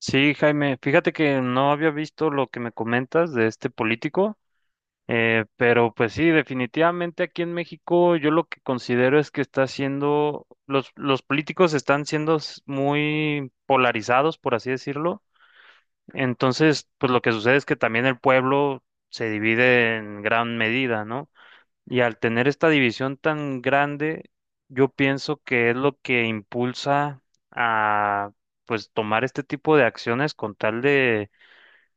Sí, Jaime, fíjate que no había visto lo que me comentas de este político, pero pues sí, definitivamente aquí en México yo lo que considero es que está siendo, los políticos están siendo muy polarizados, por así decirlo. Entonces, pues lo que sucede es que también el pueblo se divide en gran medida, ¿no? Y al tener esta división tan grande, yo pienso que es lo que impulsa a, pues, tomar este tipo de acciones con tal de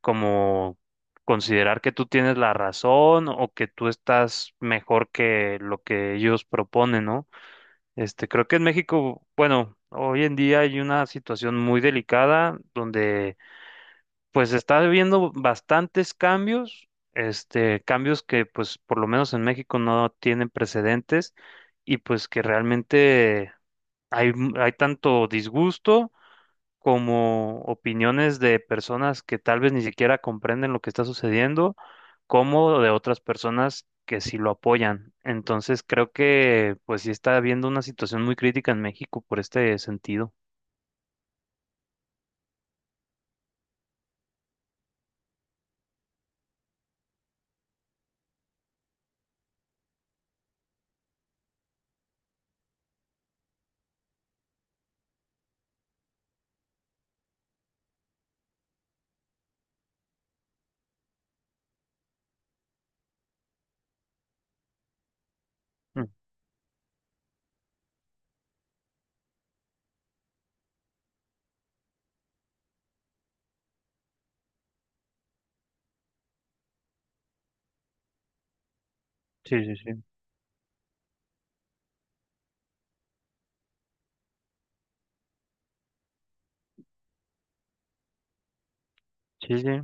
como considerar que tú tienes la razón o que tú estás mejor que lo que ellos proponen, ¿no? Este, creo que en México, bueno, hoy en día hay una situación muy delicada donde pues está habiendo bastantes cambios, este, cambios que pues por lo menos en México no tienen precedentes y pues que realmente hay, hay tanto disgusto como opiniones de personas que tal vez ni siquiera comprenden lo que está sucediendo, como de otras personas que sí lo apoyan. Entonces creo que pues sí está habiendo una situación muy crítica en México por este sentido. Mm, Sí, sí, sí. Sí, sí.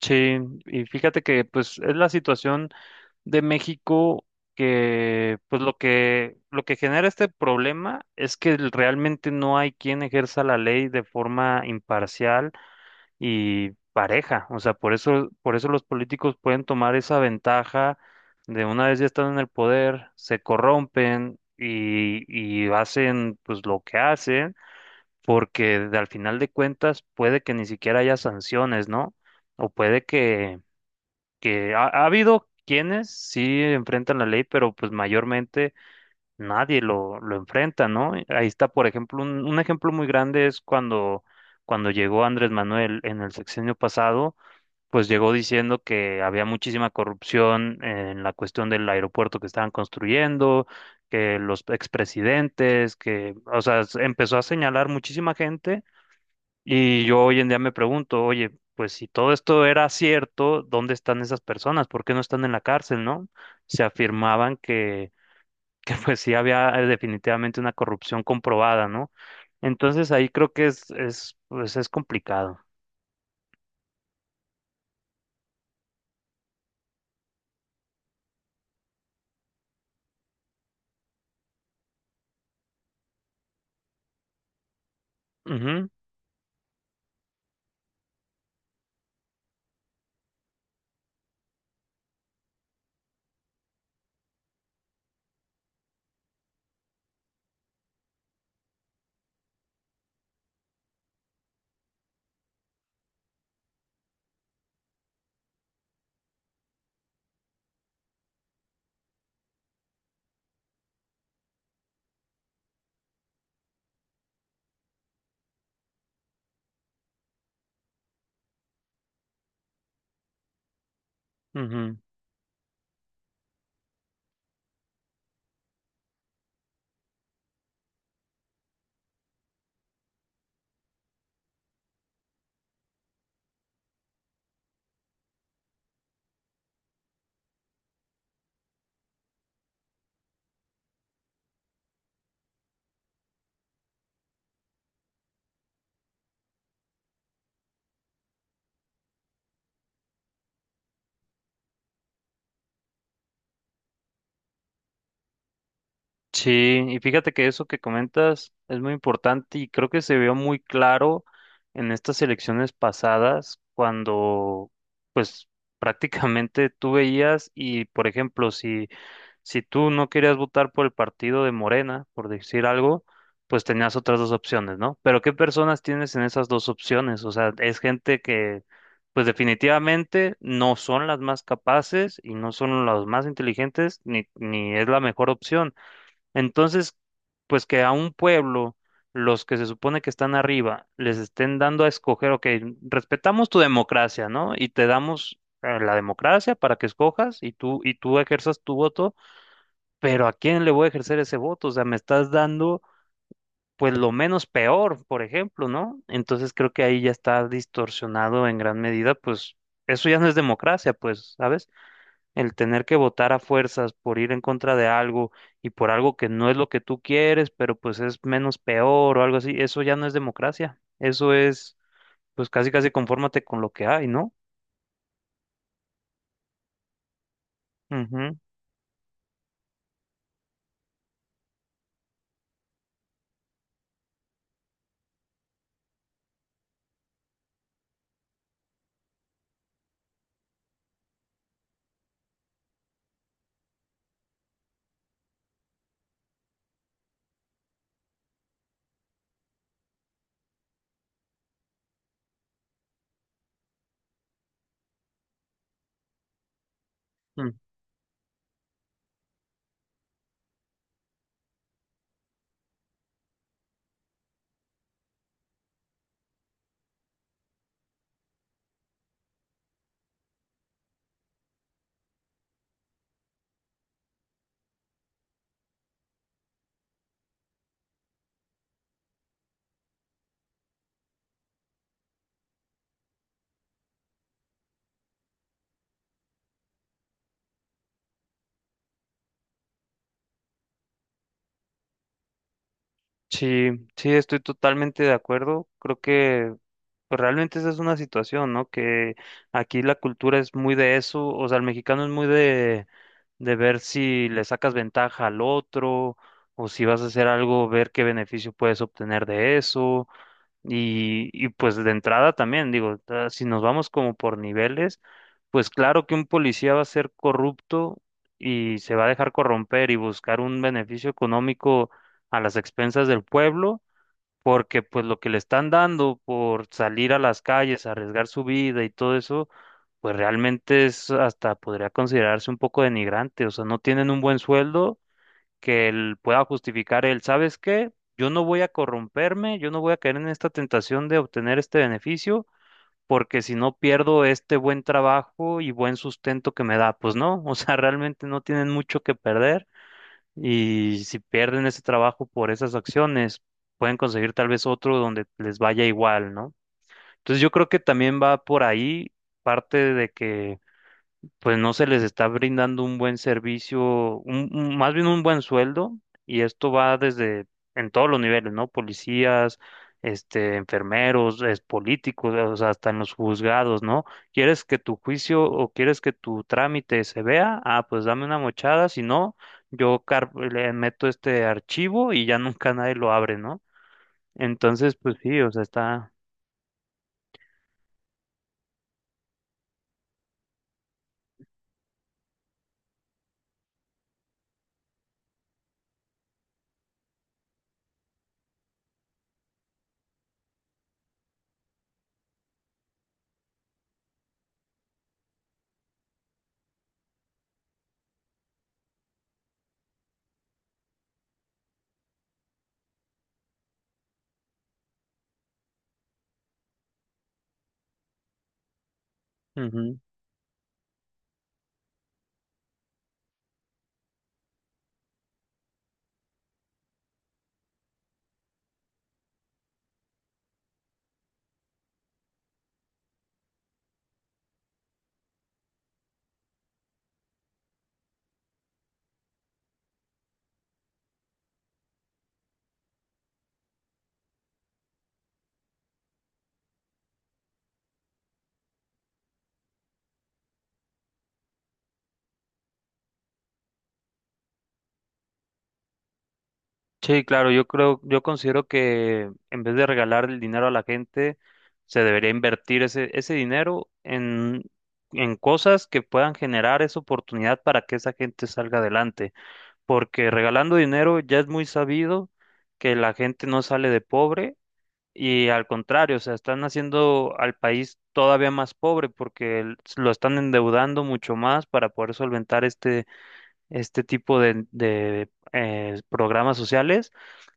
Sí, y fíjate que pues es la situación de México que pues lo que genera este problema es que realmente no hay quien ejerza la ley de forma imparcial y pareja. O sea, por eso los políticos pueden tomar esa ventaja de una vez ya están en el poder, se corrompen y hacen pues lo que hacen, al final de cuentas puede que ni siquiera haya sanciones, ¿no? O puede que ha, ha habido quienes sí enfrentan la ley, pero pues mayormente nadie lo, lo enfrenta, ¿no? Ahí está, por ejemplo, un ejemplo muy grande es cuando llegó Andrés Manuel en el sexenio pasado pues llegó diciendo que había muchísima corrupción en la cuestión del aeropuerto que estaban construyendo, que los expresidentes, que, o sea, empezó a señalar muchísima gente y yo hoy en día me pregunto, oye, pues si todo esto era cierto, ¿dónde están esas personas? ¿Por qué no están en la cárcel, no? Se afirmaban que, que pues sí había definitivamente una corrupción comprobada, ¿no? Entonces ahí creo que pues es complicado. Ujú, ujú. Sí, y fíjate que eso que comentas es muy importante y creo que se vio muy claro en estas elecciones pasadas cuando pues prácticamente tú veías y por ejemplo si tú no querías votar por el partido de Morena, por decir algo, pues tenías otras dos opciones, ¿no? Pero ¿qué personas tienes en esas dos opciones? O sea, es gente que pues definitivamente no son las más capaces y no son las más inteligentes ni es la mejor opción entonces, pues que a un pueblo, los que se supone que están arriba, les estén dando a escoger, ok, respetamos tu democracia, ¿no? Y te damos la democracia para que escojas y tú ejerzas tu voto, pero ¿a quién le voy a ejercer ese voto? O sea, me estás dando, pues, lo menos peor, por ejemplo, ¿no? Entonces creo que ahí ya está distorsionado en gran medida, pues, eso ya no es democracia, pues, ¿sabes? El tener que votar a fuerzas por ir en contra de algo y por algo que no es lo que tú quieres, pero pues es menos peor o algo así, eso ya no es democracia. Eso es, pues casi casi confórmate con lo que hay, ¿no? Ujú, mm. Sí, sí, estoy totalmente de acuerdo. Creo que pues, realmente esa es una situación, ¿no? Que aquí la cultura es muy de eso, o sea, el mexicano es muy de ver si le sacas ventaja al otro, o si vas a hacer algo, ver qué beneficio puedes obtener de eso. Y pues de entrada también, digo, si nos vamos como por niveles, pues claro que un policía va a ser corrupto y se va a dejar corromper y buscar un beneficio económico a las expensas del pueblo, porque pues lo que le están dando por salir a las calles, arriesgar su vida y todo eso, pues realmente es hasta podría considerarse un poco denigrante, o sea, no tienen un buen sueldo que él pueda justificar él, ¿sabes qué? Yo no voy a corromperme, yo no voy a caer en esta tentación de obtener este beneficio, porque si no pierdo este buen trabajo y buen sustento que me da, pues no, o sea, realmente no tienen mucho que perder y si pierden ese trabajo por esas acciones, pueden conseguir tal vez otro donde les vaya igual, ¿no? Entonces yo creo que también va por ahí parte de que pues no se les está brindando un buen servicio, más bien un buen sueldo, y esto va desde en todos los niveles, ¿no? Policías, este, enfermeros, es, políticos, o sea, hasta en los juzgados, ¿no? ¿Quieres que tu juicio o quieres que tu trámite se vea? Ah, pues dame una mochada, si no, yo le meto este archivo y ya nunca nadie lo abre, ¿no? Entonces, pues sí, o sea, está... Sí, claro, yo creo, yo considero que en vez de regalar el dinero a la gente, se debería invertir ese dinero en cosas que puedan generar esa oportunidad para que esa gente salga adelante. Porque regalando dinero ya es muy sabido que la gente no sale de pobre y al contrario, o sea, están haciendo al país todavía más pobre porque lo están endeudando mucho más para poder solventar este tipo de, programas sociales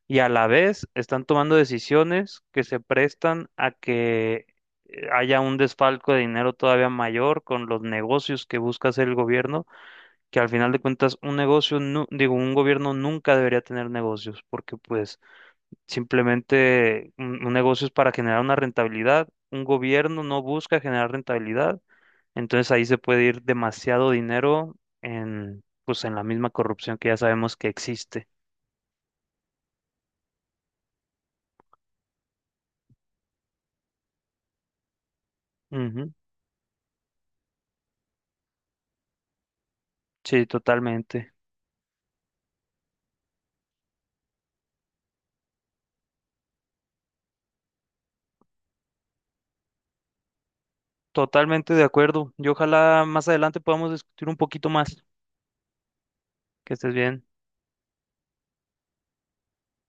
y a la vez están tomando decisiones que se prestan a que haya un desfalco de dinero todavía mayor con los negocios que busca hacer el gobierno, que al final de cuentas un negocio, digo, un gobierno nunca debería tener negocios, porque pues simplemente un negocio es para generar una rentabilidad, un gobierno no busca generar rentabilidad entonces ahí se puede ir demasiado dinero en, pues, en la misma corrupción que ya sabemos que existe. Ujú. Sí, totalmente. Totalmente de acuerdo. Y ojalá más adelante podamos discutir un poquito más. Que estés bien.